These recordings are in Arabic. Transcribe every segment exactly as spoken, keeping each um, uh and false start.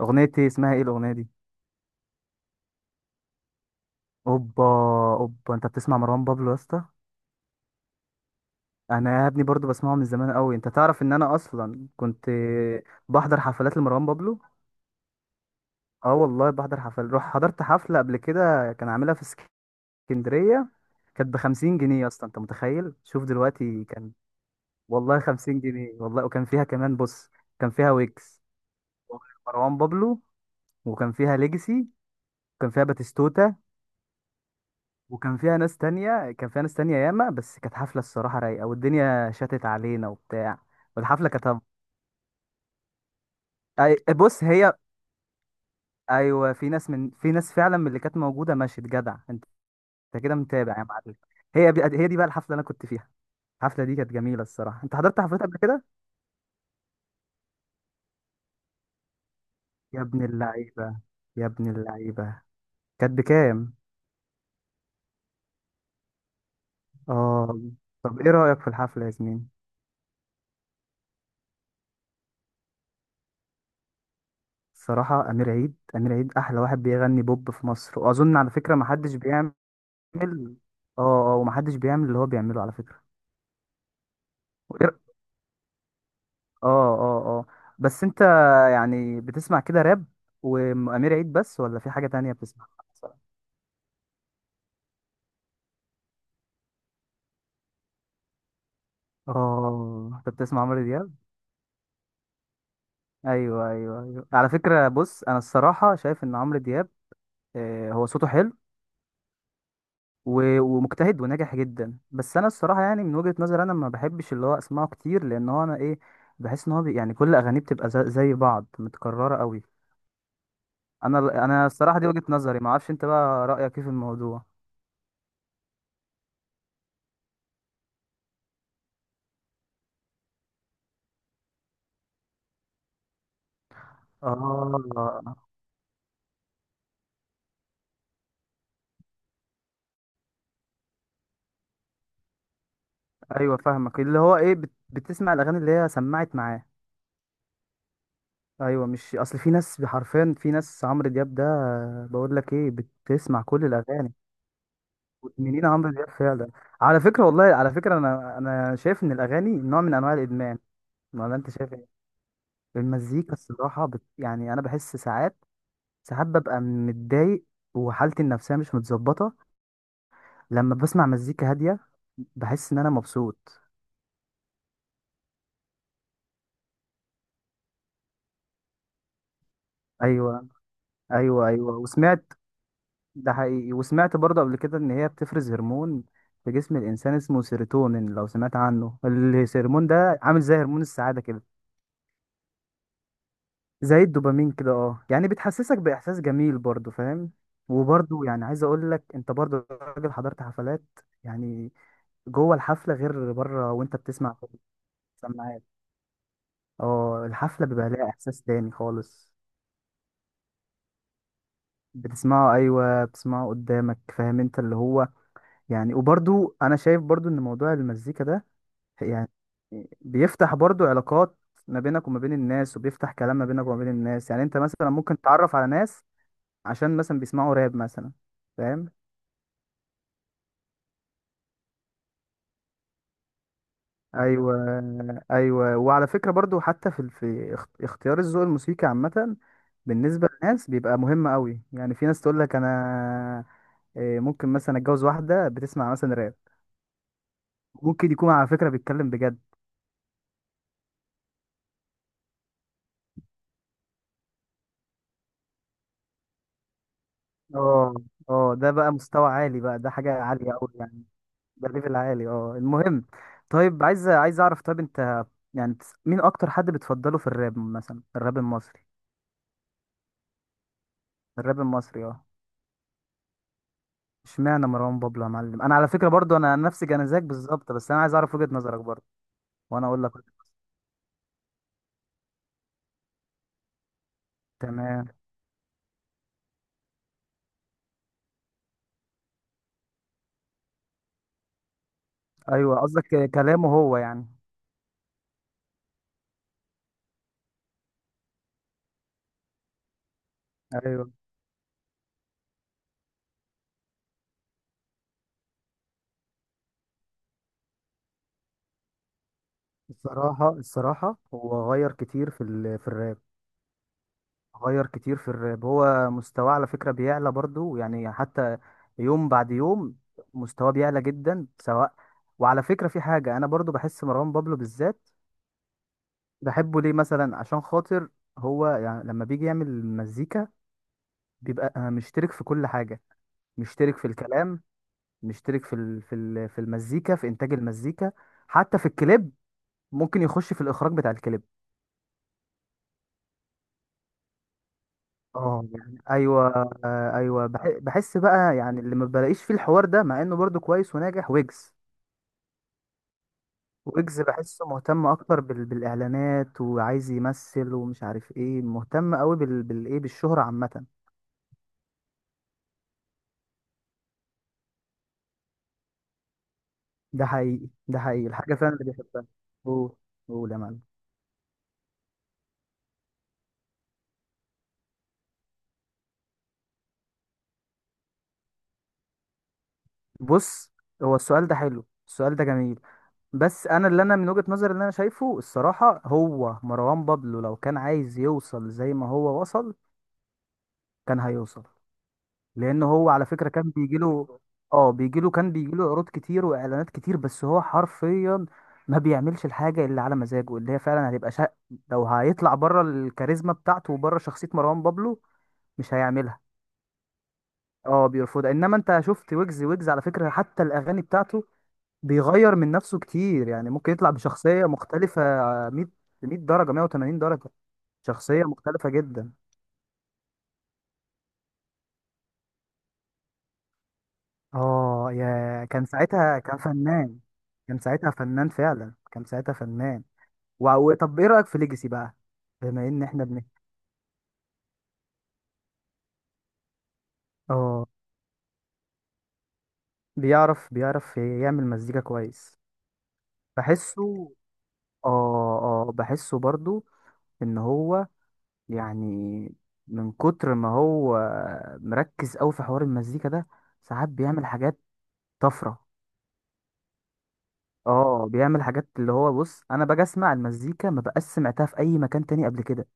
اغنيتي اسمها ايه الاغنيه دي؟ اوبا. اوبا، انت بتسمع مروان بابلو يا اسطى؟ انا يا ابني برضو بسمعه من زمان قوي. انت تعرف ان انا اصلا كنت بحضر حفلات لمروان بابلو. اه والله بحضر حفل، روح حضرت حفله قبل كده، كان عاملها في اسكندريه. كانت ب خمسين جنيه يا اسطى، انت متخيل؟ شوف دلوقتي كان، والله خمسين جنيه والله. وكان فيها كمان، بص، كان فيها ويكس، مروان بابلو، وكان فيها ليجاسي، وكان فيها باتيستوتا، وكان فيها ناس تانية، كان فيها ناس تانية ياما. بس كانت حفلة الصراحة رايقة، والدنيا شتت علينا وبتاع. والحفلة كانت أي- بص هي. أيوة، في ناس من في ناس فعلا من اللي كانت موجودة مشيت. جدع أنت، أنت كده متابع يا معلم. هي بي... هي دي بقى الحفلة اللي أنا كنت فيها. الحفلة دي كانت جميلة الصراحة. أنت حضرت حفلات قبل كده؟ يا ابن اللعيبة، يا ابن اللعيبة، كانت بكام؟ آه. طب إيه رأيك في الحفلة يا زميلي؟ الصراحة أمير عيد، أمير عيد أحلى واحد بيغني بوب في مصر، وأظن على فكرة محدش بيعمل بيعمل. اه، اه، ومحدش بيعمل اللي هو بيعمله على فكرة. وإيه- اه، اه، اه. بس انت يعني بتسمع كده راب وأمير عيد بس، ولا في حاجة تانية بتسمعها مثلا؟ اه، انت بتسمع عمرو دياب. ايوه، ايوه، ايوه، على فكرة. بص انا الصراحة شايف ان عمرو دياب، آه، هو صوته حلو، و- ومجتهد وناجح جدا. بس انا الصراحة يعني من وجهة نظري انا ما بحبش اللي هو اسمعه كتير، لان هو انا ايه، بحس ان هو بي يعني كل اغانيه بتبقى زي زي بعض، متكررة قوي. انا انا الصراحه دي وجهه نظري، ما اعرفش انت بقى رايك ايه في الموضوع. اه ايوه، فاهمك. اللي هو ايه، بت... بتسمع الاغاني اللي هي سمعت معاه. ايوه، مش اصل في ناس حرفيا، في ناس عمرو دياب ده، بقول لك ايه، بتسمع كل الاغاني. مدمنين عمرو دياب فعلا. على فكره والله، على فكره انا، انا شايف ان الاغاني نوع من انواع الادمان، ولا انت شايف ايه؟ المزيكا الصراحه بت... يعني انا بحس ساعات، ساعات ببقى متضايق وحالتي النفسيه مش متظبطه، لما بسمع مزيكا هادية بحس إن أنا مبسوط. أيوة، أيوة، أيوة، وسمعت، ده حقيقي، وسمعت برضه قبل كده إن هي بتفرز هرمون في جسم الإنسان اسمه سيروتونين. لو سمعت عنه، الهرمون ده عامل زي هرمون السعادة كده. زي الدوبامين كده، اه، يعني بتحسسك بإحساس جميل برضه، فاهم؟ وبرضه يعني عايز أقول لك، أنت برضه راجل حضرت حفلات يعني. جوه الحفلة غير بره وأنت بتسمع في السماعات. اه الحفلة بيبقى لها إحساس تاني خالص. بتسمعه ايوه، بتسمعه قدامك، فاهم؟ انت اللي هو يعني، وبرضو انا شايف برضو ان موضوع المزيكا ده يعني بيفتح برضو علاقات ما بينك وما بين الناس، وبيفتح كلام ما بينك وما بين الناس. يعني انت مثلا ممكن تتعرف على ناس عشان مثلا بيسمعوا راب مثلا، فاهم؟ ايوه، ايوه، وعلى فكرة برضو حتى في في اخت- اختيار الذوق الموسيقي عامة بالنسبة للناس بيبقى مهم قوي. يعني في ناس تقول لك انا إيه، ممكن مثلا اتجوز واحدة بتسمع مثلا راب، ممكن يكون على فكرة بيتكلم بجد. اه، اه، ده بقى مستوى عالي بقى، ده حاجة عالية أوي يعني. ده ليفل عالي، اه. المهم، طيب عايز عايز أعرف، طيب أنت يعني تس- مين أكتر حد بتفضله في الراب مثلا؟ الراب المصري. الراب المصري اه. اشمعنى مروان بابلو يا معلم؟ أنا على فكرة برضو أنا نفس جنازاك بالظبط، بس أنا عايز أعرف وجهة نظرك برضو. وأنا أقول لك. تمام. أيوه قصدك ك- كلامه هو يعني. أيوه. الصراحة الصراحة هو غير كتير في ال... في الراب. غير كتير في الراب، هو مستواه على فكرة بيعلى برضو، يعني حتى يوم بعد يوم مستواه بيعلى جدا سواء. وعلى فكرة في حاجة أنا برضو بحس مروان بابلو بالذات بحبه ليه مثلا، عشان خاطر هو يعني لما بيجي يعمل مزيكا بيبقى مشترك في كل حاجة. مشترك في الكلام، مشترك في ال- في ال- في المزيكا، في إنتاج المزيكا، حتى في الكليب. ممكن يخش في الإخراج بتاع الكليب، اه يعني. ايوه، آه، ايوه بح- بحس بقى يعني اللي ما بلاقيش فيه الحوار ده، مع انه برضو كويس وناجح، ويجز. ويجز بحسه مهتم اكتر بال... بالاعلانات، وعايز يمثل ومش عارف ايه، مهتم قوي بال... بالايه، بالشهرة عامة. ده حقيقي، ده حقيقي، الحاجة فعلا اللي بيحبها. قول، قول يا معلم. بص، هو السؤال ده حلو، السؤال ده جميل. بس انا اللي انا من وجهة نظري اللي انا شايفه الصراحة، هو مروان بابلو لو كان عايز يوصل زي ما هو وصل، كان هيوصل. لان هو على فكره كان بيجيله، اه بيجيله، كان بيجيله عروض كتير واعلانات كتير، بس هو حرفيا ما بيعملش الحاجه اللي على مزاجه. اللي هي فعلا هتبقى شق، لو هيطلع بره الكاريزما بتاعته وبره شخصيه مروان بابلو، مش هيعملها. اه بيرفضها. انما انت شفت ويجز، ويجز على فكره حتى الاغاني بتاعته بيغير من نفسه كتير. يعني ممكن يطلع بشخصيه مختلفه مية، مية درجه، مية وتمانين درجه، شخصيه مختلفه جدا. اه، يا كان ساعتها كان فنان. كان ساعتها فنان فعلا، كان ساعتها فنان. و... و- طب ايه رأيك في ليجاسي بقى؟ بما ان احنا بن، اه بيعرف بيعرف يعمل مزيكا كويس. بحسه، اه، اه بحسه برضو ان هو يعني، من كتر ما هو مركز قوي في حوار المزيكا ده، ساعات بيعمل حاجات طفرة. اه، بيعمل حاجات اللي هو، بص انا باجي اسمع المزيكا ما بقاش سمعتها في اي مكان تاني قبل كده.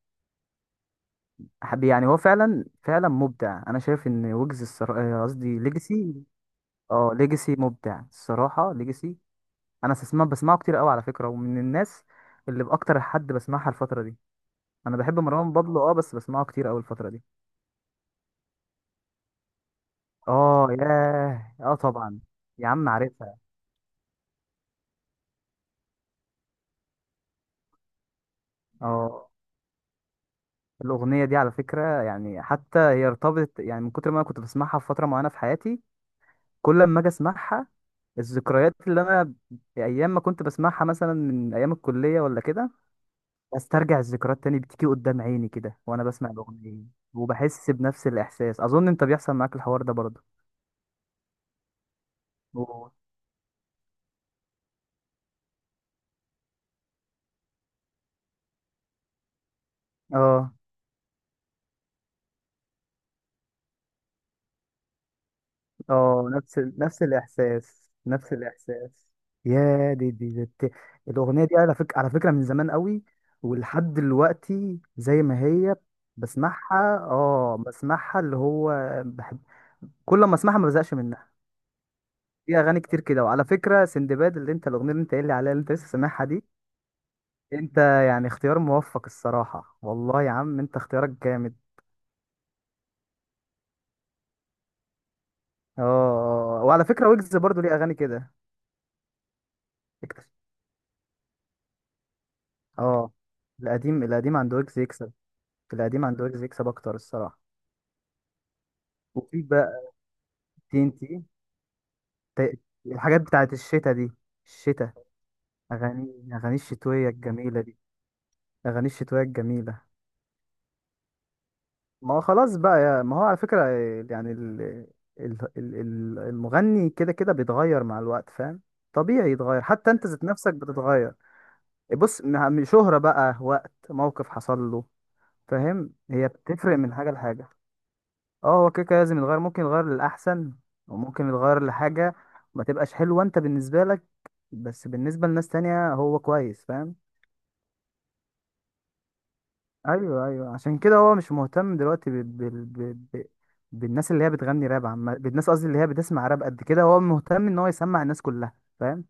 حب- يعني هو فعلا، فعلا مبدع. انا شايف ان ويجز، الصراحه قصدي ليجاسي، اه ليجاسي مبدع الصراحه. ليجاسي انا بسمع، بسمعه كتير قوي على فكره، ومن الناس اللي باكتر حد بسمعها الفتره دي. انا بحب مروان بابلو اه، بس بسمعه كتير قوي الفتره دي. اه ياه، اه طبعا. يا عم عارفها. اه، الاغنيه دي على فكره يعني حتى هي ارتبطت. يعني من كتر ما انا كنت بسمعها في فتره معينه في حياتي، كل ما اجي اسمعها الذكريات اللي انا ايام ما كنت بسمعها مثلا من ايام الكليه ولا كده استرجع الذكريات تاني، بتيجي قدام عيني كده وانا بسمع الاغنيه. وبحس بنفس الاحساس، اظن انت بيحصل معاك الحوار ده برضه. و- اه، اه، نفس نفس الاحساس، نفس الاحساس. يا دي، دي، دي, دي. الاغنيه دي على فكره، على فكره من زمان قوي. ولحد دلوقتي زي ما هي بسمعها، اه بسمعها اللي هو بحب، كل ما اسمعها ما بزهقش منها. في اغاني كتير كده. وعلى فكره سندباد اللي انت الاغنيه اللي انت قايل لي عليها اللي انت لسه سامعها دي، انت يعني اختيار موفق الصراحه. والله يا عم انت اختيارك جامد. اه، آه، آه، وعلى فكره ويجز برضو ليه اغاني كده اكتر. اه، القديم، القديم عند ويجز يكسب. القديم عند ويجز يكسب اكتر الصراحه. وفي بقى تي ان تي. الحاجات بتاعت الشتا دي، الشتا، اغاني، اغاني الشتويه الجميله دي، اغاني الشتويه الجميله. ما هو خلاص بقى يا، ما هو على فكرة يعني ال... ال... ال... ال- المغني كده كده بيتغير مع الوقت، فاهم؟ طبيعي يتغير، حتى انت ذات نفسك بتتغير. إيه، بص، م- شهرة بقى، وقت موقف حصل له، فاهم؟ هي بتفرق من حاجة لحاجة. اه هو كده كده لازم يتغير. ممكن يتغير للأحسن، وممكن يتغير لحاجة ما تبقاش حلوة انت بالنسبة لك، بس بالنسبة لناس تانية هو كويس، فاهم؟ ايوه، ايوه، عشان كده هو مش مهتم دلوقتي بال... بال... بال... بال- بالناس اللي هي بتغني راب. عم، بالناس قصدي اللي هي بتسمع راب قد كده. هو مهتم ان هو يسمع الناس كلها، فاهم؟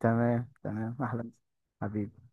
تمام، تمام، احلى مسا. حبيبي